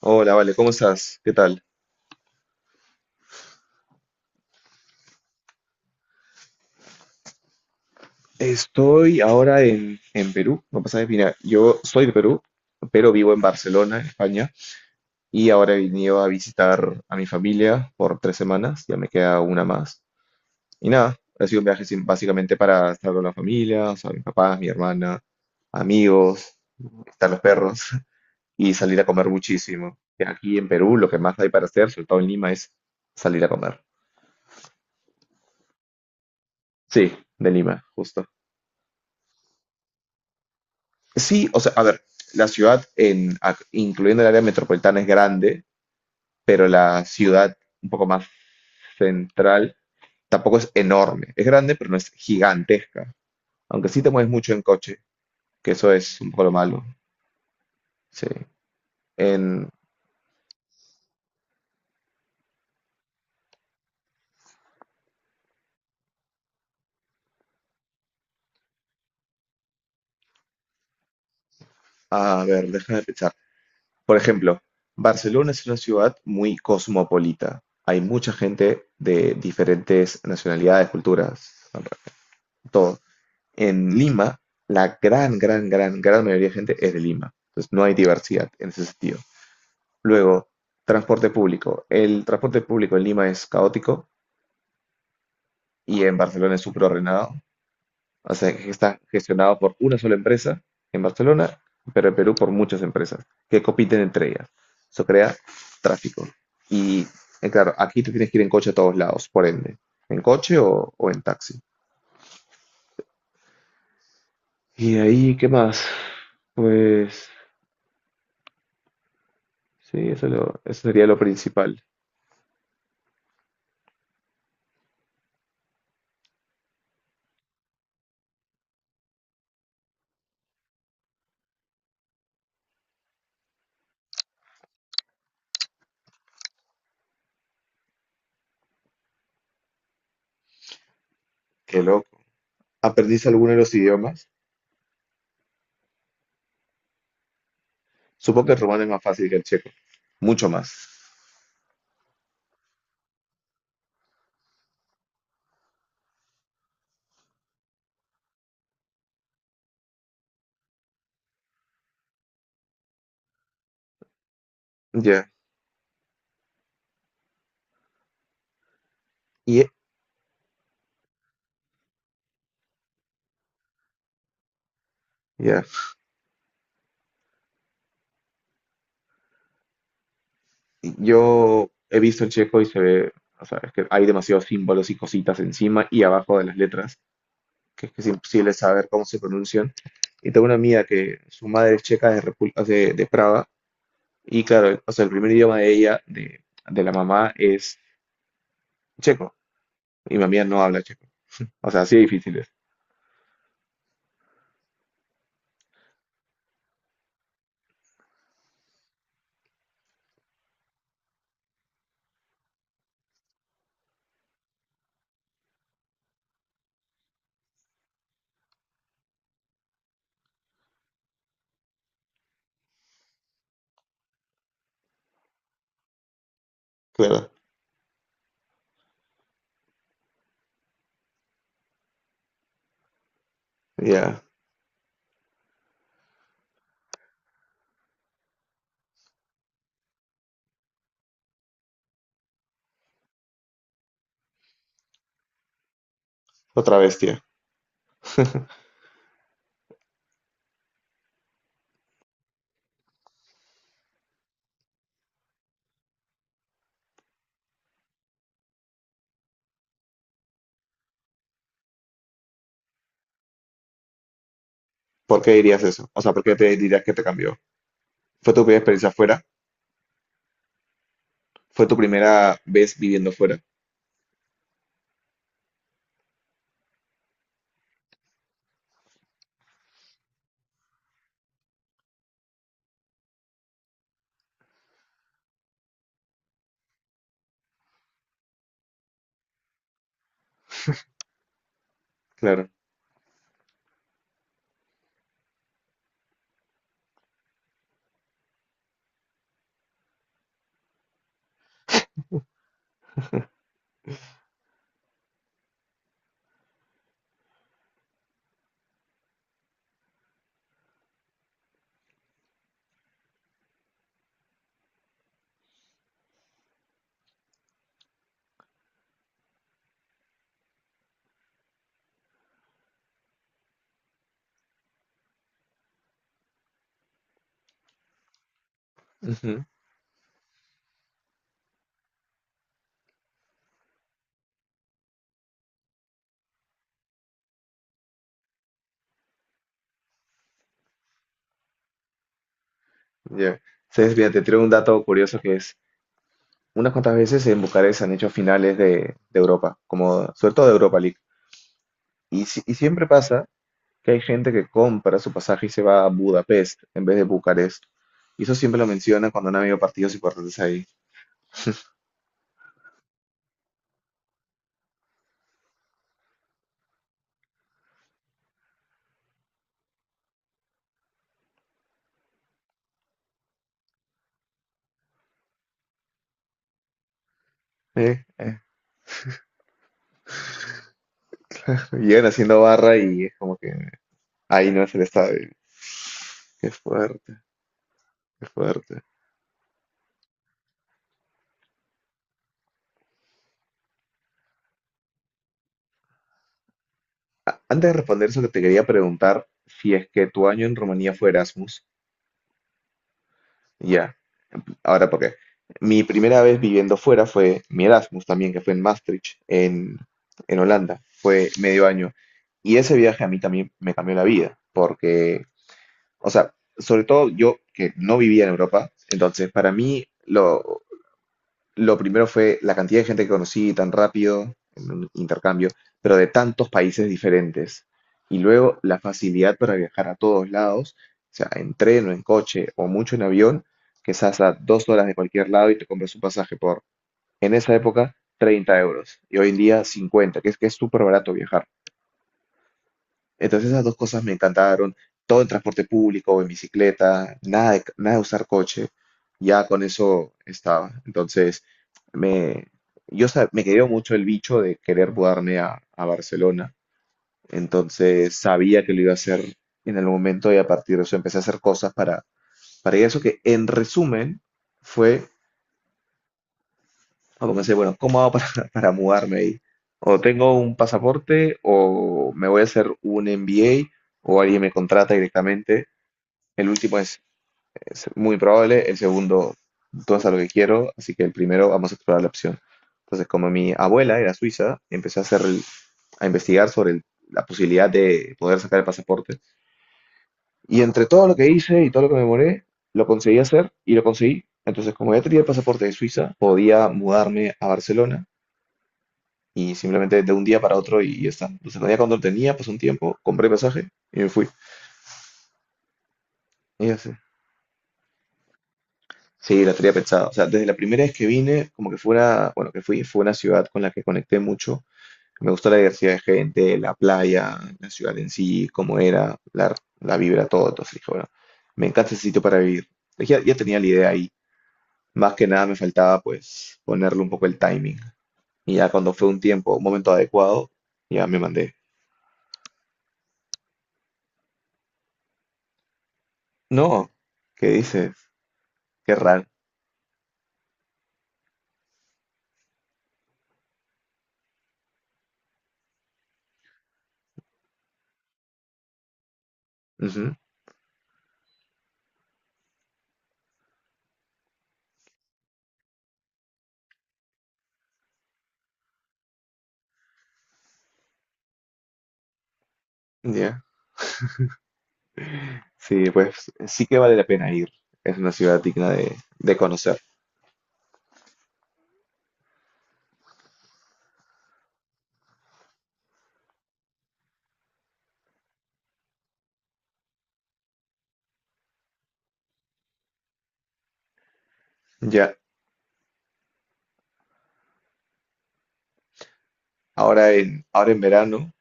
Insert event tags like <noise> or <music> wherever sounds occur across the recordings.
Hola, vale, ¿cómo estás? ¿Qué tal? Estoy ahora en Perú, no pasa de mira, yo soy de Perú, pero vivo en Barcelona, en España, y ahora he venido a visitar a mi familia por 3 semanas, ya me queda una más. Y nada, ha sido un viaje básicamente para estar con la familia, o sea, mis papás, mi hermana, amigos, están los perros, <laughs> y salir a comer muchísimo. Que aquí en Perú lo que más hay para hacer, sobre todo en Lima, es salir a comer. Sí, de Lima, justo. Sí, o sea, a ver, la ciudad, incluyendo el área metropolitana, es grande, pero la ciudad un poco más central tampoco es enorme. Es grande, pero no es gigantesca. Aunque sí te mueves mucho en coche, que eso es un poco lo malo. Sí. En, a ver, déjame pensar. Por ejemplo, Barcelona es una ciudad muy cosmopolita. Hay mucha gente de diferentes nacionalidades, culturas, todo. En Lima, la gran, gran, gran, gran mayoría de gente es de Lima. Entonces no hay diversidad en ese sentido. Luego, transporte público. El transporte público en Lima es caótico y en Barcelona es súper ordenado. O sea, que está gestionado por una sola empresa en Barcelona, pero en Perú por muchas empresas que compiten entre ellas. Eso crea tráfico. Y claro, aquí tú tienes que ir en coche a todos lados, por ende. En coche o en taxi. Y de ahí, ¿qué más? Pues sí, eso, eso sería lo principal. Qué loco. ¿Aprendiste alguno de los idiomas? Supongo que el rumano es más fácil que el checo. Mucho más. Ya. Y ya. Yo he visto el checo y se ve, o sea, es que hay demasiados símbolos y cositas encima y abajo de las letras, que es imposible saber cómo se pronuncian. Y tengo una amiga que su madre es checa de, o sea, de Praga, y claro, o sea, el primer idioma de ella, de la mamá, es checo. Y mi amiga no habla checo. O sea, así de difícil es. Claro. Ya. Otra vez, tía. <laughs> ¿Por qué dirías eso? O sea, ¿por qué te dirías que te cambió? ¿Fue tu primera experiencia fuera? ¿Fue tu primera vez viviendo fuera? Claro. Ujú. Ya. Entonces, mira, te traigo un dato curioso que es, unas cuantas veces en Bucarest han hecho finales de Europa, como sobre todo de Europa League. Y, si- y siempre pasa que hay gente que compra su pasaje y se va a Budapest en vez de Bucarest. Y eso siempre lo mencionan cuando han habido partidos importantes ahí. Eh, eh. Llegan haciendo barra y es como que ahí no es el estadio. Qué fuerte, qué fuerte. Antes de responder eso, que te quería preguntar si es que tu año en Rumanía fue Erasmus. Ya, ahora porque mi primera vez viviendo fuera fue mi Erasmus también, que fue en Maastricht, en Holanda. Fue medio año. Y ese viaje a mí también me cambió la vida, porque, o sea, sobre todo yo que no vivía en Europa, entonces para mí lo primero fue la cantidad de gente que conocí tan rápido en un intercambio, pero de tantos países diferentes. Y luego la facilidad para viajar a todos lados, o sea, en tren o en coche o mucho en avión, que estás a 2 horas de cualquier lado y te compras un pasaje por, en esa época, 30 euros. Y hoy en día 50, que es súper barato viajar. Entonces esas dos cosas me encantaron. Todo en transporte público en bicicleta, nada de usar coche. Ya con eso estaba. Entonces me, me quedó mucho el bicho de querer mudarme a Barcelona. Entonces sabía que lo iba a hacer en el momento y a partir de eso empecé a hacer cosas para, ir a eso, que en resumen fue, como pensé, bueno, ¿cómo hago para, <laughs> para mudarme ahí? O tengo un pasaporte o me voy a hacer un MBA o alguien me contrata directamente. El último es muy probable, el segundo todo es a lo que quiero, así que el primero vamos a explorar la opción. Entonces, como mi abuela era suiza, empecé a hacer a investigar sobre la posibilidad de poder sacar el pasaporte. Y entre todo lo que hice y todo lo que me demoré, lo conseguí hacer y lo conseguí. Entonces, como ya tenía el pasaporte de Suiza, podía mudarme a Barcelona y simplemente de un día para otro y ya está. Entonces, no había cuando tenía, pasó un tiempo, compré pasaje y me fui. Y ya sé. Sí, la tenía pensado. O sea, desde la primera vez que vine, como que fue una, bueno, que fui, fue una ciudad con la que conecté mucho. Me gustó la diversidad de gente, la playa, la ciudad en sí, cómo era, la vibra, todo. Entonces dije, bueno, me encanta ese sitio para vivir. Ya, ya tenía la idea ahí. Más que nada me faltaba pues ponerle un poco el timing. Y ya cuando fue un tiempo, un momento adecuado, ya me mandé. No, ¿qué dices? Qué raro. Ujú. Ya. Sí, pues sí que vale la pena ir. Es una ciudad digna de conocer. Ya, ahora en, ahora en verano,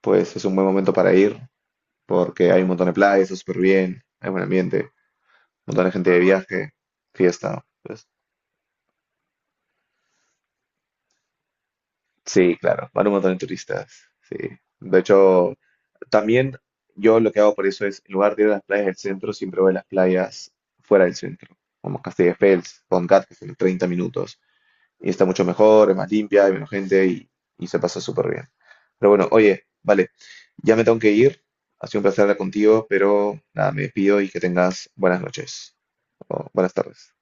pues es un buen momento para ir, porque hay un montón de playas, está súper bien, hay buen ambiente, un montón de gente de viaje, fiesta, pues sí, claro, van un montón de turistas, sí. De hecho, también yo lo que hago por eso es, en lugar de ir a las playas del centro, siempre voy a las playas fuera del centro, como Castelldefels, Poncat, que son 30 minutos, y está mucho mejor, es más limpia, hay menos gente y se pasa súper bien. Pero bueno, oye, vale, ya me tengo que ir. Ha sido un placer hablar contigo, pero nada, me despido y que tengas buenas noches o buenas tardes.